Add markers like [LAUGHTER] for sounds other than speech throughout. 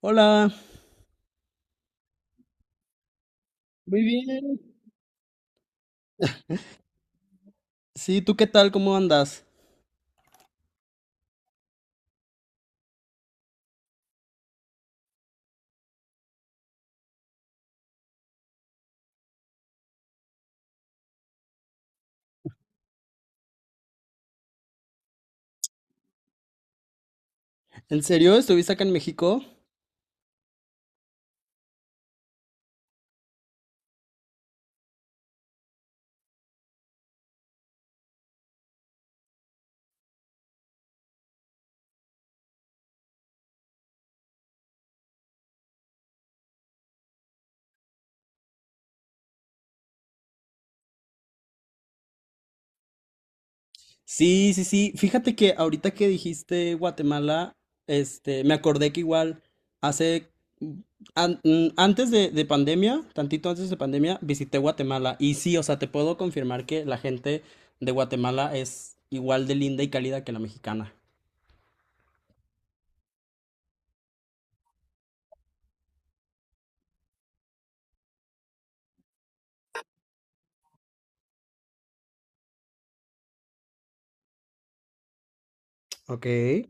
Hola. Muy bien. Sí, ¿tú qué tal? ¿Cómo andas? ¿En serio? ¿Estuviste acá en México? Sí, sí, sí. Fíjate que ahorita que dijiste Guatemala, me acordé que igual hace, antes de pandemia, tantito antes de pandemia, visité Guatemala. Y sí, o sea, te puedo confirmar que la gente de Guatemala es igual de linda y cálida que la mexicana. Ok. ¿Te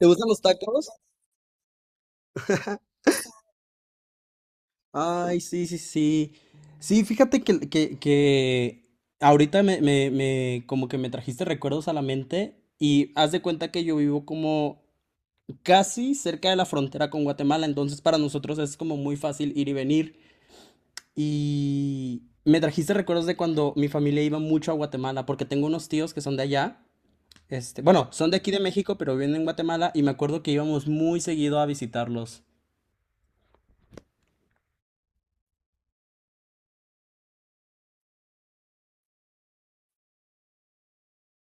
gustan los tacos? [LAUGHS] Ay, sí, sí, sí. Sí, fíjate que ahorita me, me, me- como que me trajiste recuerdos a la mente y haz de cuenta que yo vivo como casi cerca de la frontera con Guatemala, entonces para nosotros es como muy fácil ir y venir. Y me trajiste recuerdos de cuando mi familia iba mucho a Guatemala, porque tengo unos tíos que son de allá, bueno, son de aquí de México, pero viven en Guatemala y me acuerdo que íbamos muy seguido a visitarlos.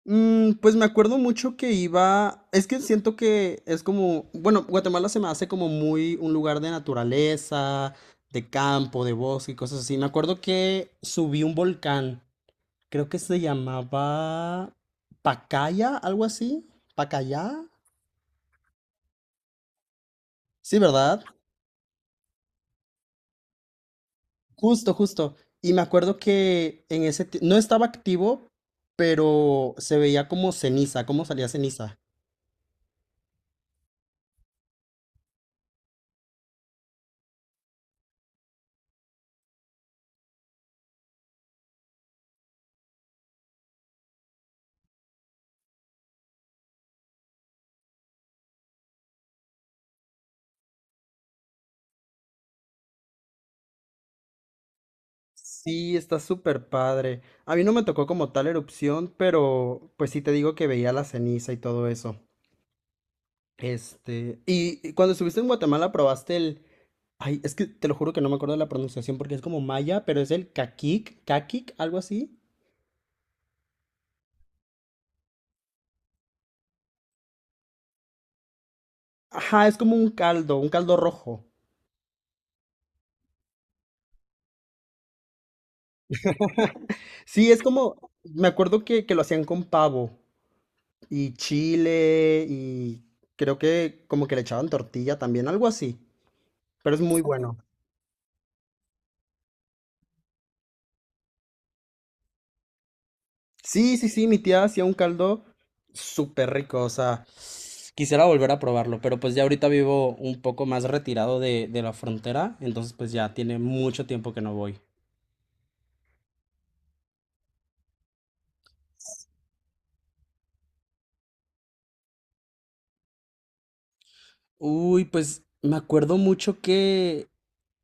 Mm, pues me acuerdo mucho que iba, es que siento que es como, bueno, Guatemala se me hace como muy un lugar de naturaleza, de campo, de bosque y cosas así. Me acuerdo que subí un volcán, creo que se llamaba Pacaya, algo así, Pacaya, sí, ¿verdad? Justo, justo. Y me acuerdo que en no estaba activo, pero se veía como ceniza, como salía ceniza. Sí, está súper padre. A mí no me tocó como tal erupción, pero pues sí te digo que veía la ceniza y todo eso. Este, y cuando estuviste en Guatemala probaste el... Ay, es que te lo juro que no me acuerdo de la pronunciación porque es como maya, pero es el caquic, caquic, algo así. Ajá, es como un caldo rojo. [LAUGHS] Sí, es como, me acuerdo que lo hacían con pavo y chile y creo que como que le echaban tortilla también, algo así, pero es muy bueno. Sí, sí, sí, mi tía hacía un caldo súper rico, o sea, quisiera volver a probarlo, pero pues ya ahorita vivo un poco más retirado de la frontera, entonces pues ya tiene mucho tiempo que no voy. Uy, pues me acuerdo mucho que,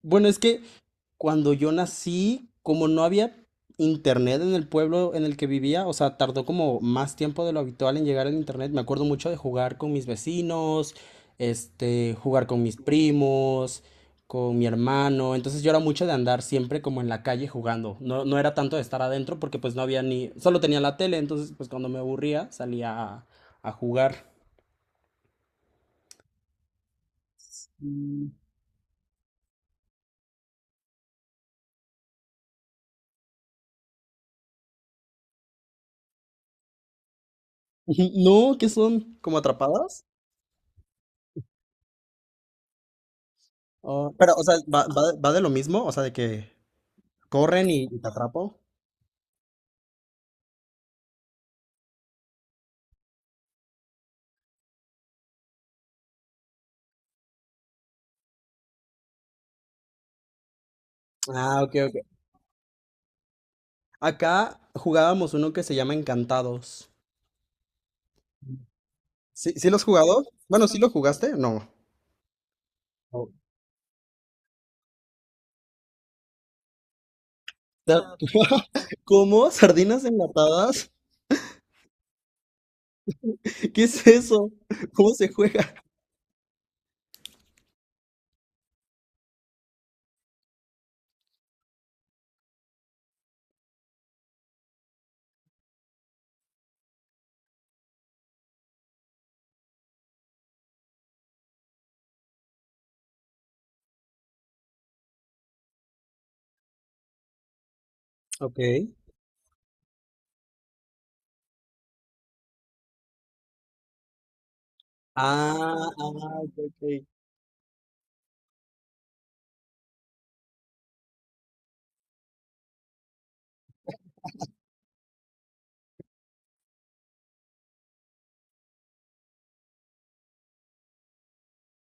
bueno, es que cuando yo nací, como no había internet en el pueblo en el que vivía, o sea, tardó como más tiempo de lo habitual en llegar el internet. Me acuerdo mucho de jugar con mis vecinos, jugar con mis primos, con mi hermano. Entonces yo era mucho de andar siempre como en la calle jugando. No era tanto de estar adentro porque pues no había ni, solo tenía la tele, entonces pues cuando me aburría salía a jugar. Mm. [LAUGHS] No, ¿qué son? ¿Como atrapadas? Oh, pero, o sea, ¿va de lo mismo? O sea, de que corren y te atrapo. Ah, ok, ok. Acá jugábamos uno que se llama Encantados. ¿Sí, sí lo has jugado? Bueno, ¿sí lo jugaste? No. No. Da- [LAUGHS] ¿Cómo? ¿Sardinas enlatadas? [LAUGHS] ¿Qué es eso? ¿Cómo se juega? Ok. Ah, ah, ok, ok.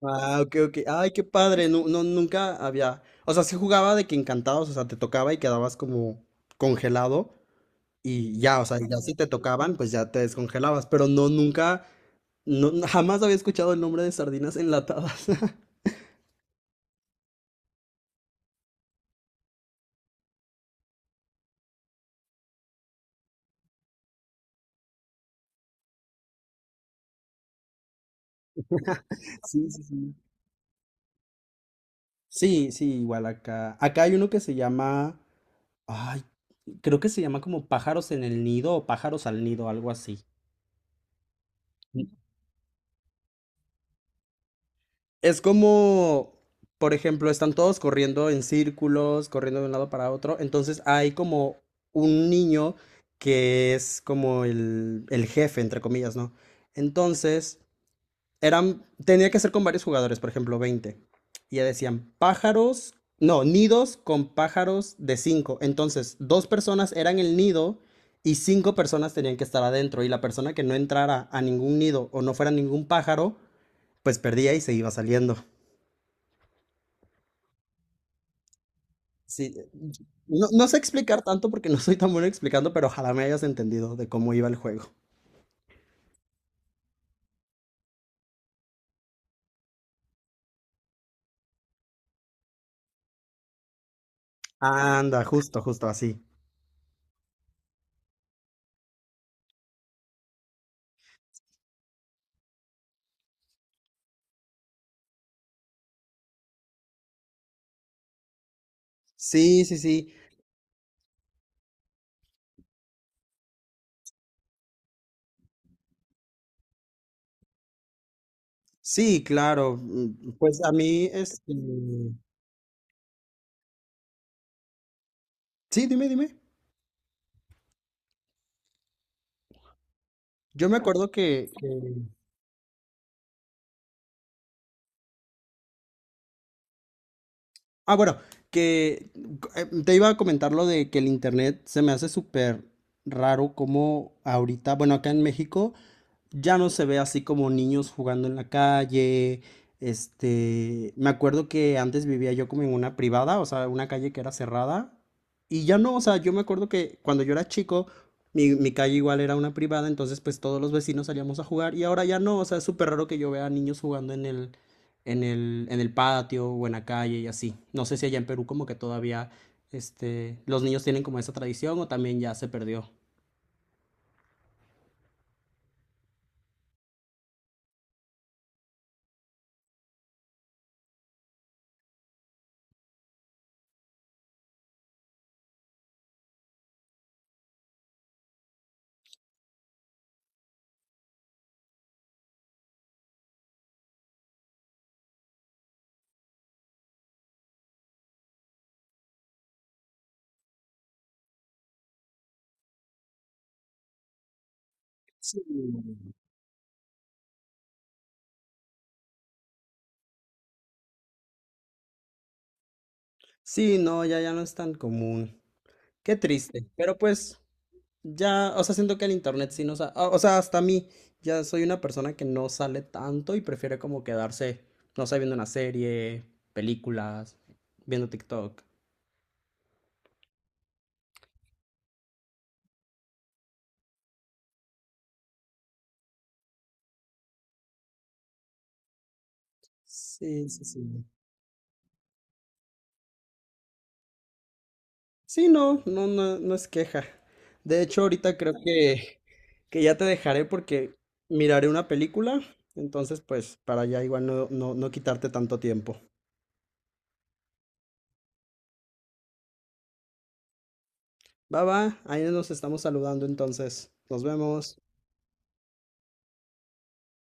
Ah, ok, ok. Ay, qué padre. No, no, nunca había. O sea, se jugaba de que encantados, o sea, te tocaba y quedabas como congelado y ya, o sea, y ya si te tocaban, pues ya te descongelabas. Pero no, nunca. No, no, jamás había escuchado el nombre de sardinas enlatadas. [LAUGHS] Sí, sí, sí. Sí, sí, igual acá. Acá hay uno que se llama, ay, creo que se llama como pájaros en el nido o pájaros al nido, algo así. Mm. Es como, por ejemplo, están todos corriendo en círculos, corriendo de un lado para otro. Entonces hay como un niño que es como el jefe, entre comillas, ¿no? Entonces eran, tenía que ser con varios jugadores, por ejemplo, 20. Y ya decían pájaros, no, nidos con pájaros de cinco. Entonces, dos personas eran el nido y cinco personas tenían que estar adentro. Y la persona que no entrara a ningún nido o no fuera ningún pájaro, pues perdía y se iba saliendo. Sí, no, no sé explicar tanto porque no soy tan bueno explicando, pero ojalá me hayas entendido de cómo iba el juego. Anda, justo, justo así. Sí, sí, sí. Sí, claro. Pues a mí, este, sí, dime, dime. Yo me acuerdo ah, bueno, que te iba a comentar lo de que el internet se me hace súper raro como ahorita, bueno, acá en México ya no se ve así como niños jugando en la calle. Este, me acuerdo que antes vivía yo como en una privada, o sea, una calle que era cerrada. Y ya no, o sea, yo me acuerdo que cuando yo era chico, mi calle igual era una privada, entonces pues todos los vecinos salíamos a jugar y ahora ya no, o sea, es súper raro que yo vea niños jugando en en el patio o en la calle y así. No sé si allá en Perú como que todavía, los niños tienen como esa tradición o también ya se perdió. Sí. Sí, no, ya, ya no es tan común. Qué triste, pero pues ya, o sea, siento que el internet sí nos ha, o sea, hasta a mí, ya soy una persona que no sale tanto y prefiere como quedarse, no sé, viendo una serie, películas, viendo TikTok. Sí, sí, sí. Sí, no, no, no, no es queja. De hecho, ahorita creo que ya te dejaré porque miraré una película, entonces pues para ya igual no, no, no quitarte tanto tiempo. Va, va, ahí nos estamos saludando entonces. Nos vemos.